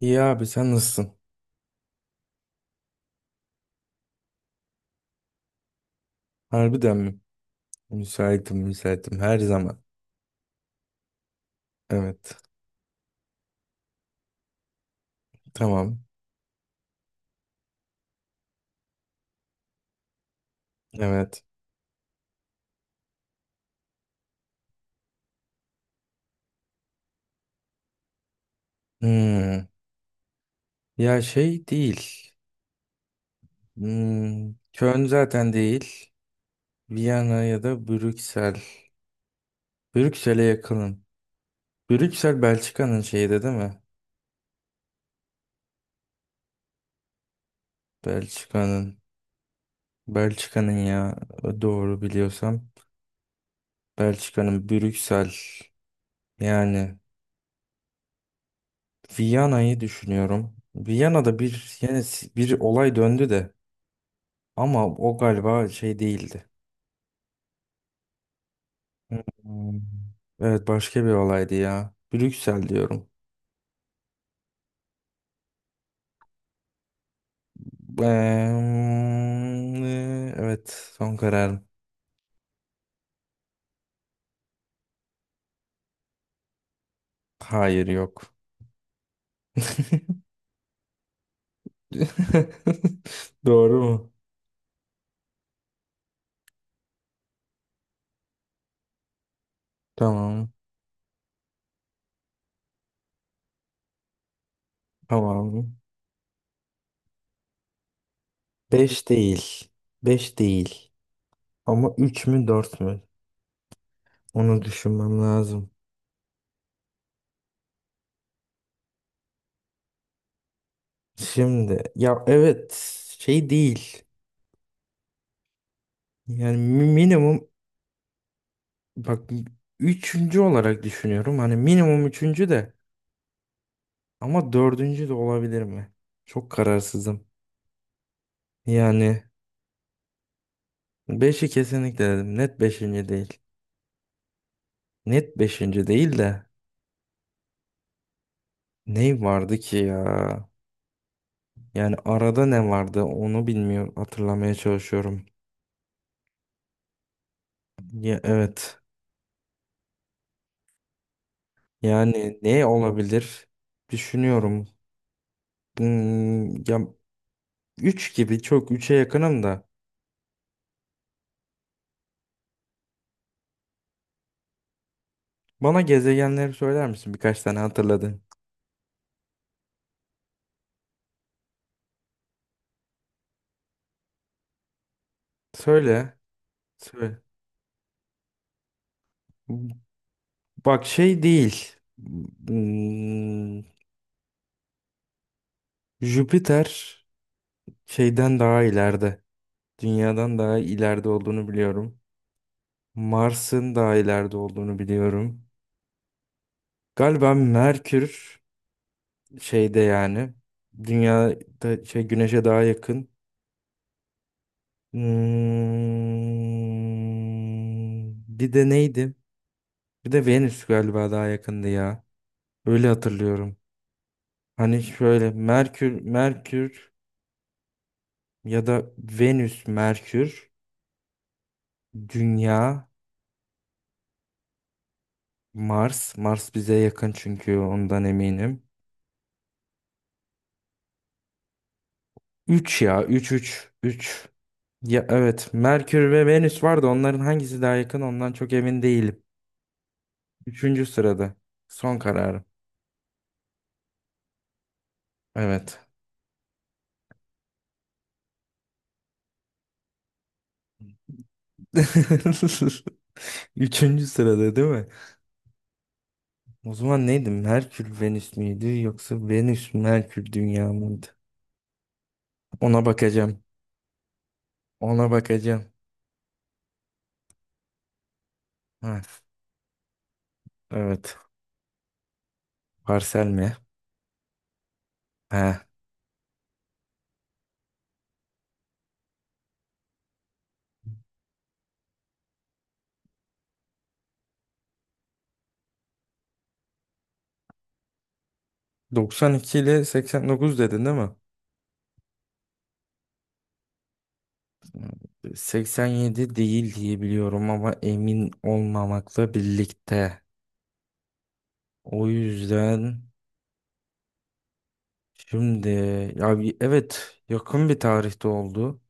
İyi abi sen nasılsın? Harbiden mi? Müsaitim müsaitim her zaman. Evet. Tamam. Evet. Hmm. Ya şey değil. Hmm. Köln zaten değil. Viyana ya da Brüksel. Brüksel'e yakınım. Brüksel Belçika'nın şeyde değil mi? Belçika'nın. Belçika'nın ya doğru biliyorsam. Belçika'nın Brüksel. Yani Viyana'yı düşünüyorum. Viyana'da bir yani bir olay döndü de. Ama o galiba şey değildi. Hmm. Evet başka bir olaydı ya. Brüksel diyorum. Evet, son kararım. Hayır yok. Doğru mu? Tamam. Tamam. Beş değil. Beş değil. Ama 3 mü 4 mü? Onu düşünmem lazım. Şimdi ya evet şey değil. Yani minimum. Bak üçüncü olarak düşünüyorum. Hani minimum üçüncü de ama dördüncü de olabilir mi? Çok kararsızım. Yani beşi kesinlikle dedim. Net beşinci değil. Net beşinci değil de ne vardı ki ya? Yani arada ne vardı onu bilmiyorum. Hatırlamaya çalışıyorum. Ya, evet. Yani ne olabilir? Düşünüyorum. Ya üç gibi çok üçe yakınım da. Bana gezegenleri söyler misin? Birkaç tane hatırladın. Söyle. Söyle. Bak şey değil. Jüpiter şeyden daha ileride. Dünyadan daha ileride olduğunu biliyorum. Mars'ın daha ileride olduğunu biliyorum. Galiba Merkür şeyde yani. Dünyada şey Güneş'e daha yakın. Hmm, bir de neydi? Bir de Venüs galiba daha yakındı ya. Öyle hatırlıyorum. Hani şöyle Merkür, Merkür. Ya da Venüs, Merkür, Dünya, Mars. Mars bize yakın çünkü ondan eminim. 3 ya üç üç üç. Ya evet Merkür ve Venüs vardı. Onların hangisi daha yakın ondan çok emin değilim. Üçüncü sırada. Son kararım. Evet. Üçüncü sırada değil mi? O zaman neydi? Merkür Venüs müydü yoksa Venüs Merkür Dünya mıydı? Ona bakacağım. Ona bakacağım. Ha, evet. Parsel mi? Ha. 92 ile 89 dedin değil mi? 87 değil diye biliyorum ama emin olmamakla birlikte. O yüzden şimdi ya evet, yakın bir tarihte oldu.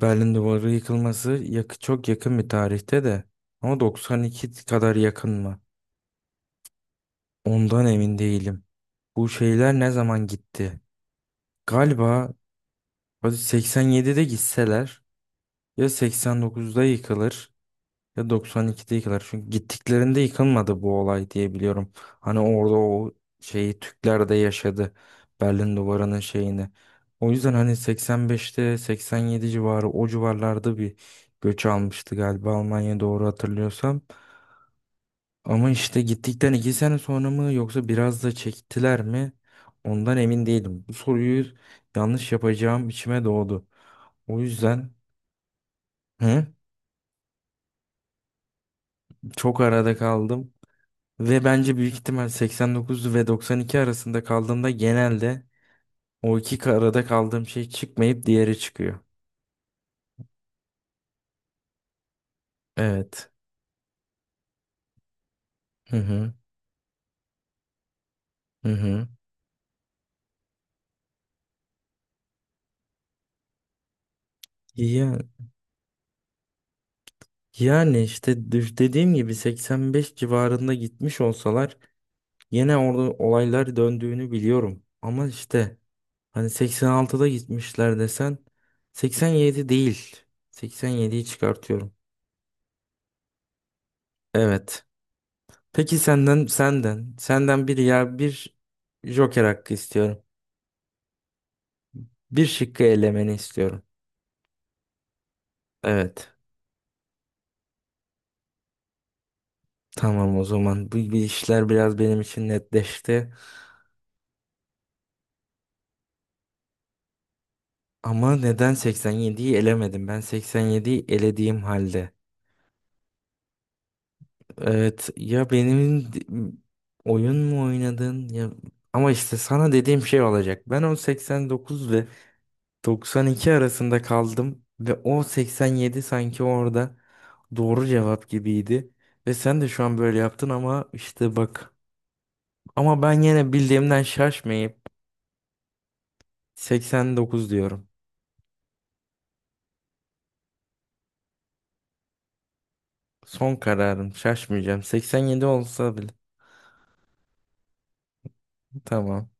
Berlin Duvarı yıkılması çok yakın bir tarihte de. Ama 92 kadar yakın mı? Ondan emin değilim. Bu şeyler ne zaman gitti? Galiba hadi 87'de gitseler ya 89'da yıkılır, ya 92'de yıkılar. Çünkü gittiklerinde yıkılmadı bu olay diye biliyorum. Hani orada o şeyi Türkler de yaşadı. Berlin Duvarı'nın şeyini. O yüzden hani 85'te 87 civarı o civarlarda bir göç almıştı galiba Almanya, doğru hatırlıyorsam. Ama işte gittikten 2 sene sonra mı yoksa biraz da çektiler mi? Ondan emin değilim. Bu soruyu yanlış yapacağım içime doğdu. O yüzden hı, çok arada kaldım. Ve bence büyük ihtimal 89 ve 92 arasında kaldığımda genelde o iki arada kaldığım şey çıkmayıp diğeri çıkıyor. Evet. Hı hı. Hı hı. Ya, yani işte dediğim gibi 85 civarında gitmiş olsalar yine orada olaylar döndüğünü biliyorum. Ama işte hani 86'da gitmişler desen 87 değil. 87'yi çıkartıyorum. Evet. Peki senden bir joker hakkı istiyorum. Bir şıkkı elemeni istiyorum. Evet. Tamam o zaman. Bu işler biraz benim için netleşti. Ama neden 87'yi elemedim? Ben 87'yi elediğim halde. Evet ya benim oyun mu oynadın ya, ama işte sana dediğim şey olacak. Ben o 89 ve 92 arasında kaldım ve o 87 sanki orada doğru cevap gibiydi. Ve sen de şu an böyle yaptın ama işte bak, ama ben yine bildiğimden şaşmayıp 89 diyorum. Son kararım. Şaşmayacağım. 87 olsa bile. Tamam.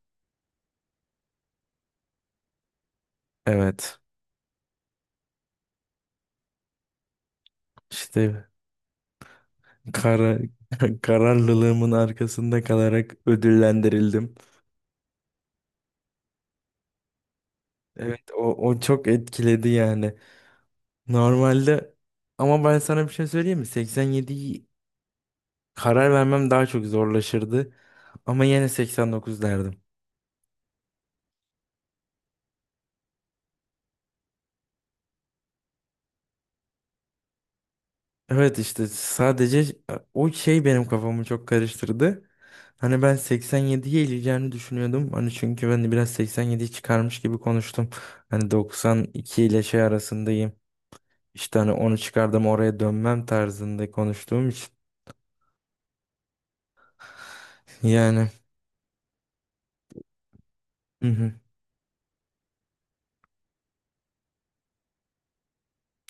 Evet. İşte kara, kararlılığımın arkasında kalarak ödüllendirildim. Evet o çok etkiledi yani. Normalde ama ben sana bir şey söyleyeyim mi? 87'yi karar vermem daha çok zorlaşırdı. Ama yine 89 derdim. Evet işte sadece o şey benim kafamı çok karıştırdı. Hani ben 87'ye ileceğini düşünüyordum. Hani çünkü ben de biraz 87'yi çıkarmış gibi konuştum. Hani 92 ile şey arasındayım. İşte hani onu çıkardım, oraya dönmem tarzında konuştuğum için. Yani hı hı,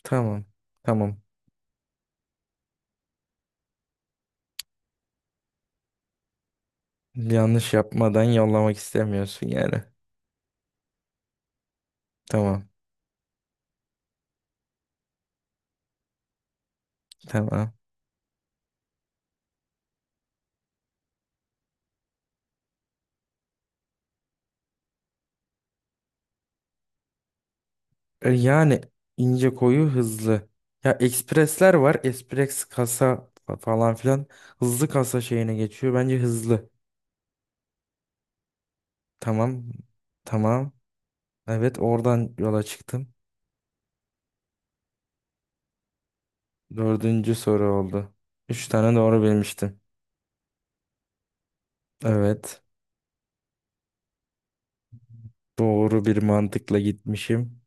tamam, tamam, yanlış yapmadan yollamak istemiyorsun yani. Tamam, tamam. Yani ince, koyu, hızlı. Ya ekspresler var. Espres kasa falan filan. Hızlı kasa şeyine geçiyor. Bence hızlı. Tamam. Tamam. Evet, oradan yola çıktım. Dördüncü soru oldu. Üç tane doğru bilmiştim. Evet. Doğru bir mantıkla gitmişim.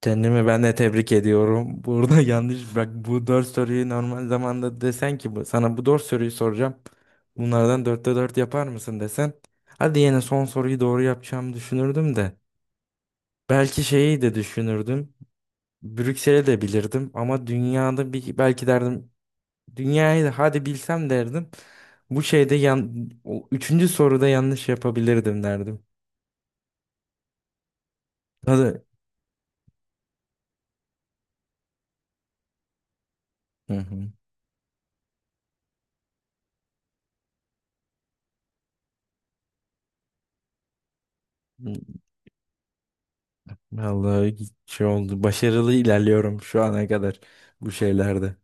Kendimi ben de tebrik ediyorum. Burada yanlış bak, bu dört soruyu normal zamanda desen ki bu, sana bu dört soruyu soracağım. Bunlardan dörtte dört yapar mısın desen. Hadi yine son soruyu doğru yapacağımı düşünürdüm de. Belki şeyi de düşünürdüm. Brüksel'i de bilirdim ama dünyada bir belki derdim, dünyayı da hadi bilsem derdim. Bu şeyde o üçüncü soruda yanlış yapabilirdim derdim. Hadi. Hı hı. Vallahi şey oldu. Başarılı ilerliyorum şu ana kadar bu şeylerde.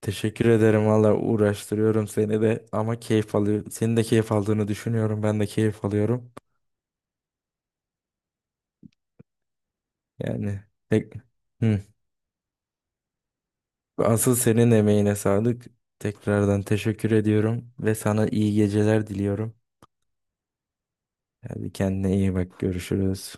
Teşekkür ederim valla, uğraştırıyorum seni de ama keyif alıyor. Senin de keyif aldığını düşünüyorum. Ben de keyif alıyorum. Yani tek... Hı. Asıl senin emeğine sağlık. Tekrardan teşekkür ediyorum ve sana iyi geceler diliyorum. Hadi kendine iyi bak. Görüşürüz.